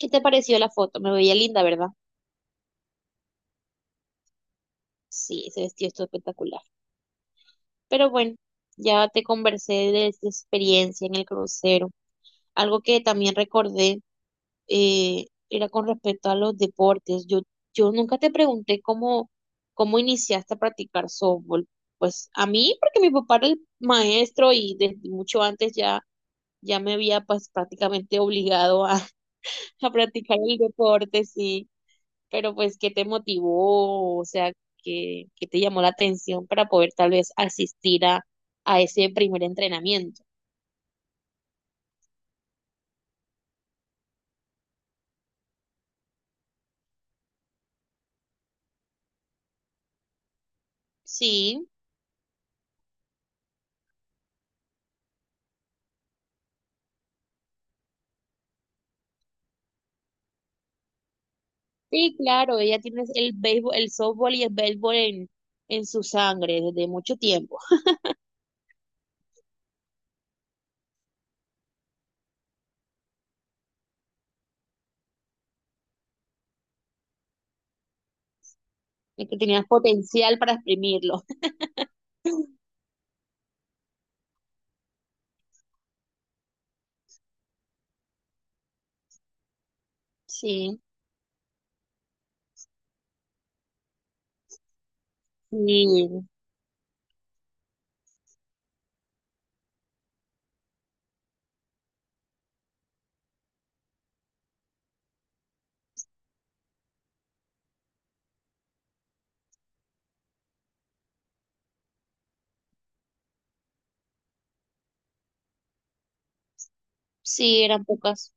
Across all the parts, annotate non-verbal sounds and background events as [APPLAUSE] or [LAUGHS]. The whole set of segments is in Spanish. ¿Qué te pareció la foto? Me veía linda, ¿verdad? Sí, ese vestido estuvo espectacular. Pero bueno, ya te conversé de esta experiencia en el crucero. Algo que también recordé era con respecto a los deportes. Yo nunca te pregunté cómo iniciaste a practicar softball. Pues a mí, porque mi papá era el maestro y desde mucho antes ya me había pues prácticamente obligado a, [LAUGHS] a practicar el deporte, sí. Pero pues, ¿qué te motivó? O sea, ¿qué te llamó la atención para poder tal vez asistir a ese primer entrenamiento? Sí, sí, claro, ella tiene el béisbol, el softball y el béisbol en su sangre desde mucho tiempo. Es que tenías potencial para exprimirlo. [LAUGHS] Sí, sí, sí, eran pocas,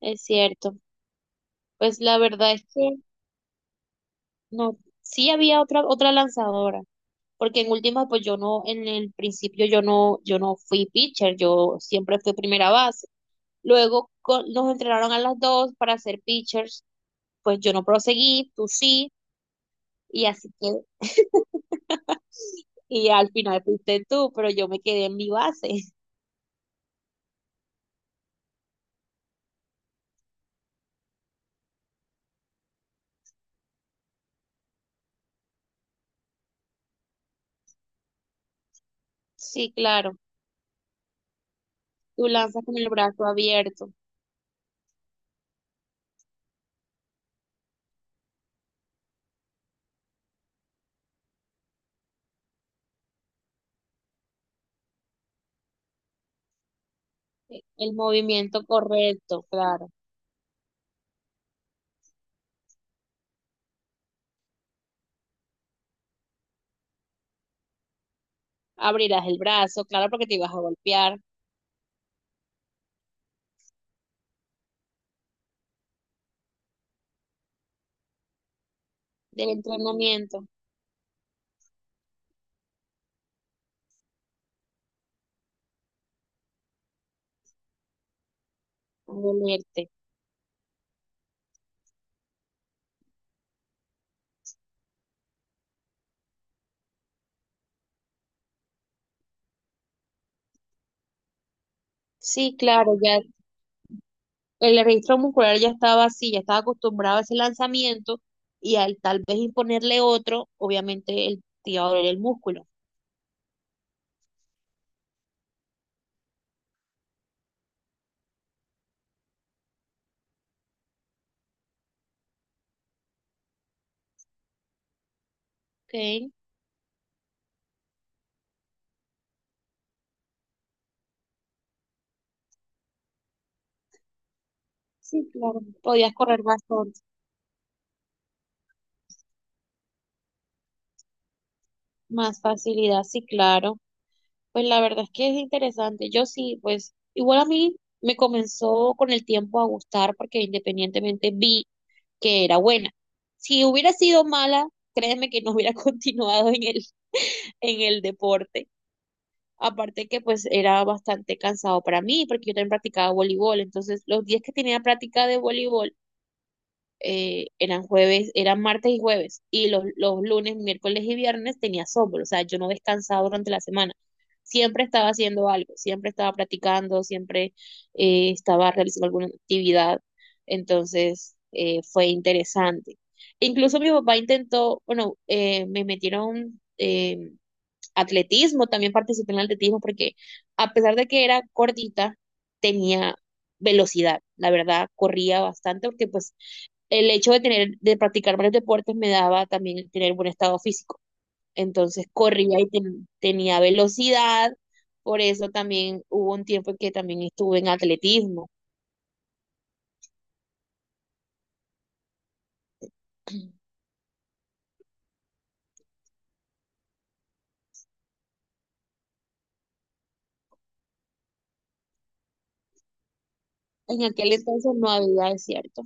es cierto. Pues la verdad es que no, sí había otra, otra lanzadora. Porque en última, pues yo no, en el principio yo no, yo no fui pitcher, yo siempre fui primera base. Luego nos entrenaron a las dos para ser pitchers, pues yo no proseguí, tú sí, y así que, y al final fuiste tú, pero yo me quedé en mi base. [LAUGHS] Sí, claro, tú lanzas con el brazo abierto, el movimiento correcto, claro. Abrirás el brazo, claro, porque te ibas a golpear del entrenamiento, a dolerte. Sí, claro, ya el registro muscular ya estaba así, ya estaba acostumbrado a ese lanzamiento y al tal vez imponerle otro, obviamente el te iba a doler el músculo. Ok, sí, claro. Podías correr bastante más facilidad, sí, claro. Pues la verdad es que es interesante. Yo sí, pues igual a mí me comenzó con el tiempo a gustar porque independientemente vi que era buena. Si hubiera sido mala, créeme que no hubiera [LAUGHS] continuado en el deporte. Aparte que pues era bastante cansado para mí, porque yo también practicaba voleibol. Entonces, los días que tenía práctica de voleibol eran jueves, eran martes y jueves. Y los lunes, miércoles y viernes tenía sombra. O sea, yo no descansaba durante la semana. Siempre estaba haciendo algo, siempre estaba practicando, siempre estaba realizando alguna actividad. Entonces, fue interesante. E incluso mi papá intentó, bueno, me metieron atletismo, también participé en el atletismo porque a pesar de que era gordita, tenía velocidad, la verdad, corría bastante porque pues el hecho de tener, de practicar varios deportes me daba también tener buen estado físico. Entonces corría y tenía velocidad, por eso también hubo un tiempo en que también estuve en atletismo. En aquel entonces no había desierto.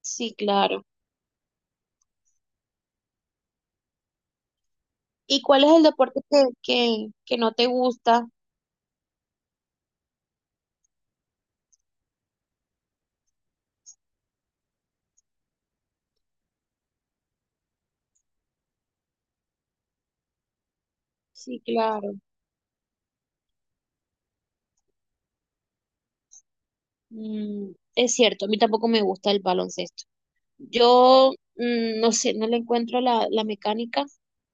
Sí, claro. ¿Y cuál es el deporte que no te gusta? Sí, claro. Mm, es cierto, a mí tampoco me gusta el baloncesto. Yo mm, no sé, no le encuentro la, la mecánica,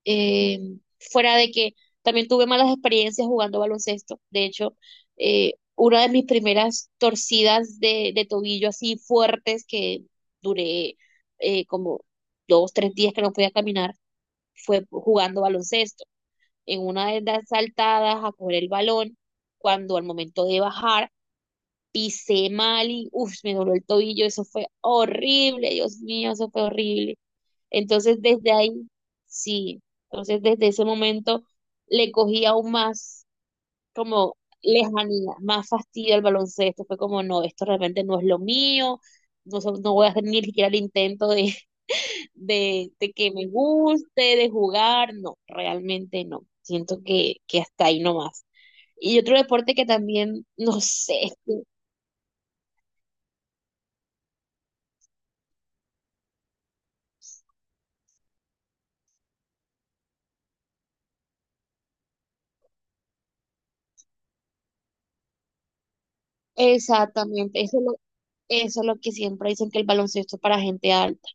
eh, fuera de que también tuve malas experiencias jugando baloncesto. De hecho, una de mis primeras torcidas de tobillo así fuertes que duré como dos, tres días que no podía caminar, fue jugando baloncesto. En una de las saltadas a coger el balón, cuando al momento de bajar pisé mal y uff, me dolió el tobillo, eso fue horrible, Dios mío, eso fue horrible. Entonces desde ahí, sí, entonces desde ese momento le cogí aún más como lejanía, más fastidio al baloncesto, fue como no, esto realmente no es lo mío, no, no voy a hacer ni siquiera el intento de, [LAUGHS] de que me guste, de jugar, no, realmente no, siento que hasta ahí nomás. Y otro deporte que también, no sé, exactamente, eso es lo que siempre dicen que el baloncesto es para gente alta.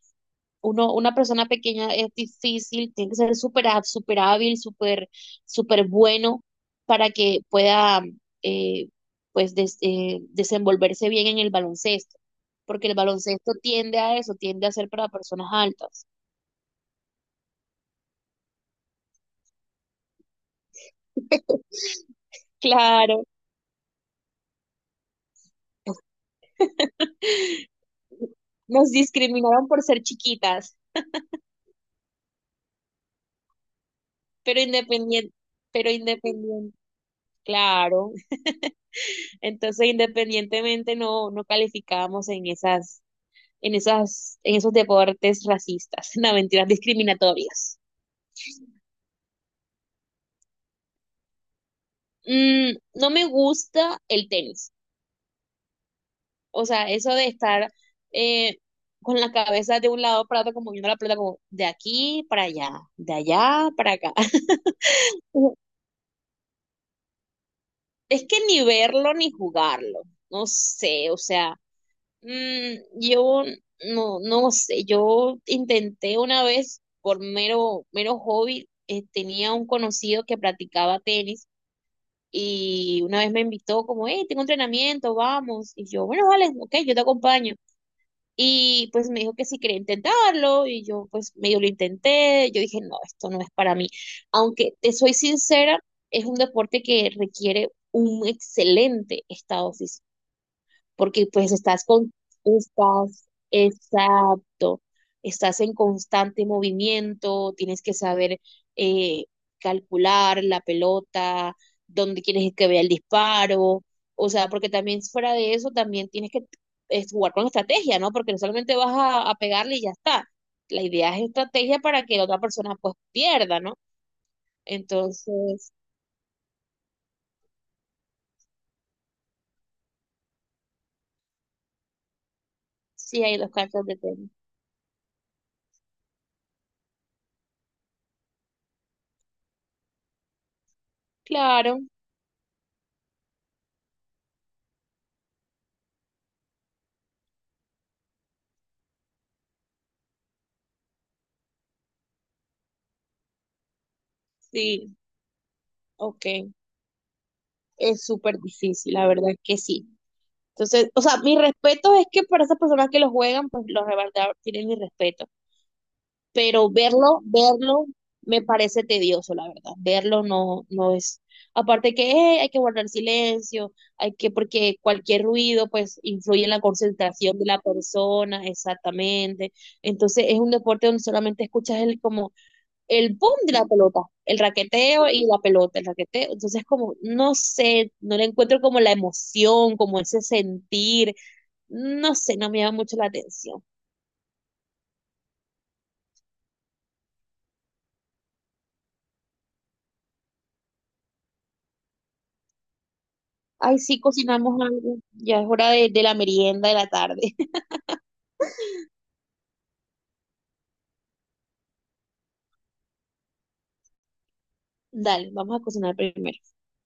Uno, una persona pequeña es difícil, tiene que ser súper súper hábil, súper bueno para que pueda eh, pues desenvolverse bien en el baloncesto, porque el baloncesto tiende a eso, tiende a ser para personas altas. Claro, nos discriminaron por ser chiquitas, pero independiente, pero independiente, claro. Entonces, independientemente, no, no calificábamos en esas, en esas, en esos deportes racistas, [LAUGHS] no, mentiras discriminatorias. Mm, no me gusta el tenis. O sea, eso de estar eh, con la cabeza de un lado para otro, como viendo la pelota, como de aquí para allá, de allá para acá. [LAUGHS] Es que ni verlo ni jugarlo. No sé, o sea, mm, yo no, no sé, yo intenté una vez por mero hobby, tenía un conocido que practicaba tenis y una vez me invitó como, hey, tengo entrenamiento, vamos. Y yo, bueno, vale, ok, yo te acompaño. Y pues me dijo que si quería intentarlo y yo pues medio lo intenté, yo dije, no, esto no es para mí. Aunque te soy sincera, es un deporte que requiere un excelente estado físico porque pues estás con, estás, exacto, estás en constante movimiento, tienes que saber eh, calcular la pelota, dónde quieres que vea el disparo, o sea, porque también fuera de eso también tienes que es jugar con estrategia, ¿no? Porque no solamente vas a pegarle y ya está. La idea es estrategia para que la otra persona pues pierda, ¿no? Entonces, sí hay dos canchas de tenis. Claro, sí, ok. Es súper difícil, la verdad que sí. Entonces, o sea, mi respeto es que para esas personas que lo juegan, pues los de verdad tienen mi respeto. Pero verlo, verlo me parece tedioso, la verdad. Verlo no, no es. Aparte que hay que guardar silencio, hay que, porque cualquier ruido pues influye en la concentración de la persona, exactamente. Entonces es un deporte donde solamente escuchas el como el boom de la pelota, el raqueteo y la pelota, el raqueteo. Entonces, como, no sé, no le encuentro como la emoción, como ese sentir, no sé, no me llama mucho la atención. Ay, sí, cocinamos algo, ya es hora de la merienda de la tarde. [LAUGHS] Dale, vamos a cocinar primero.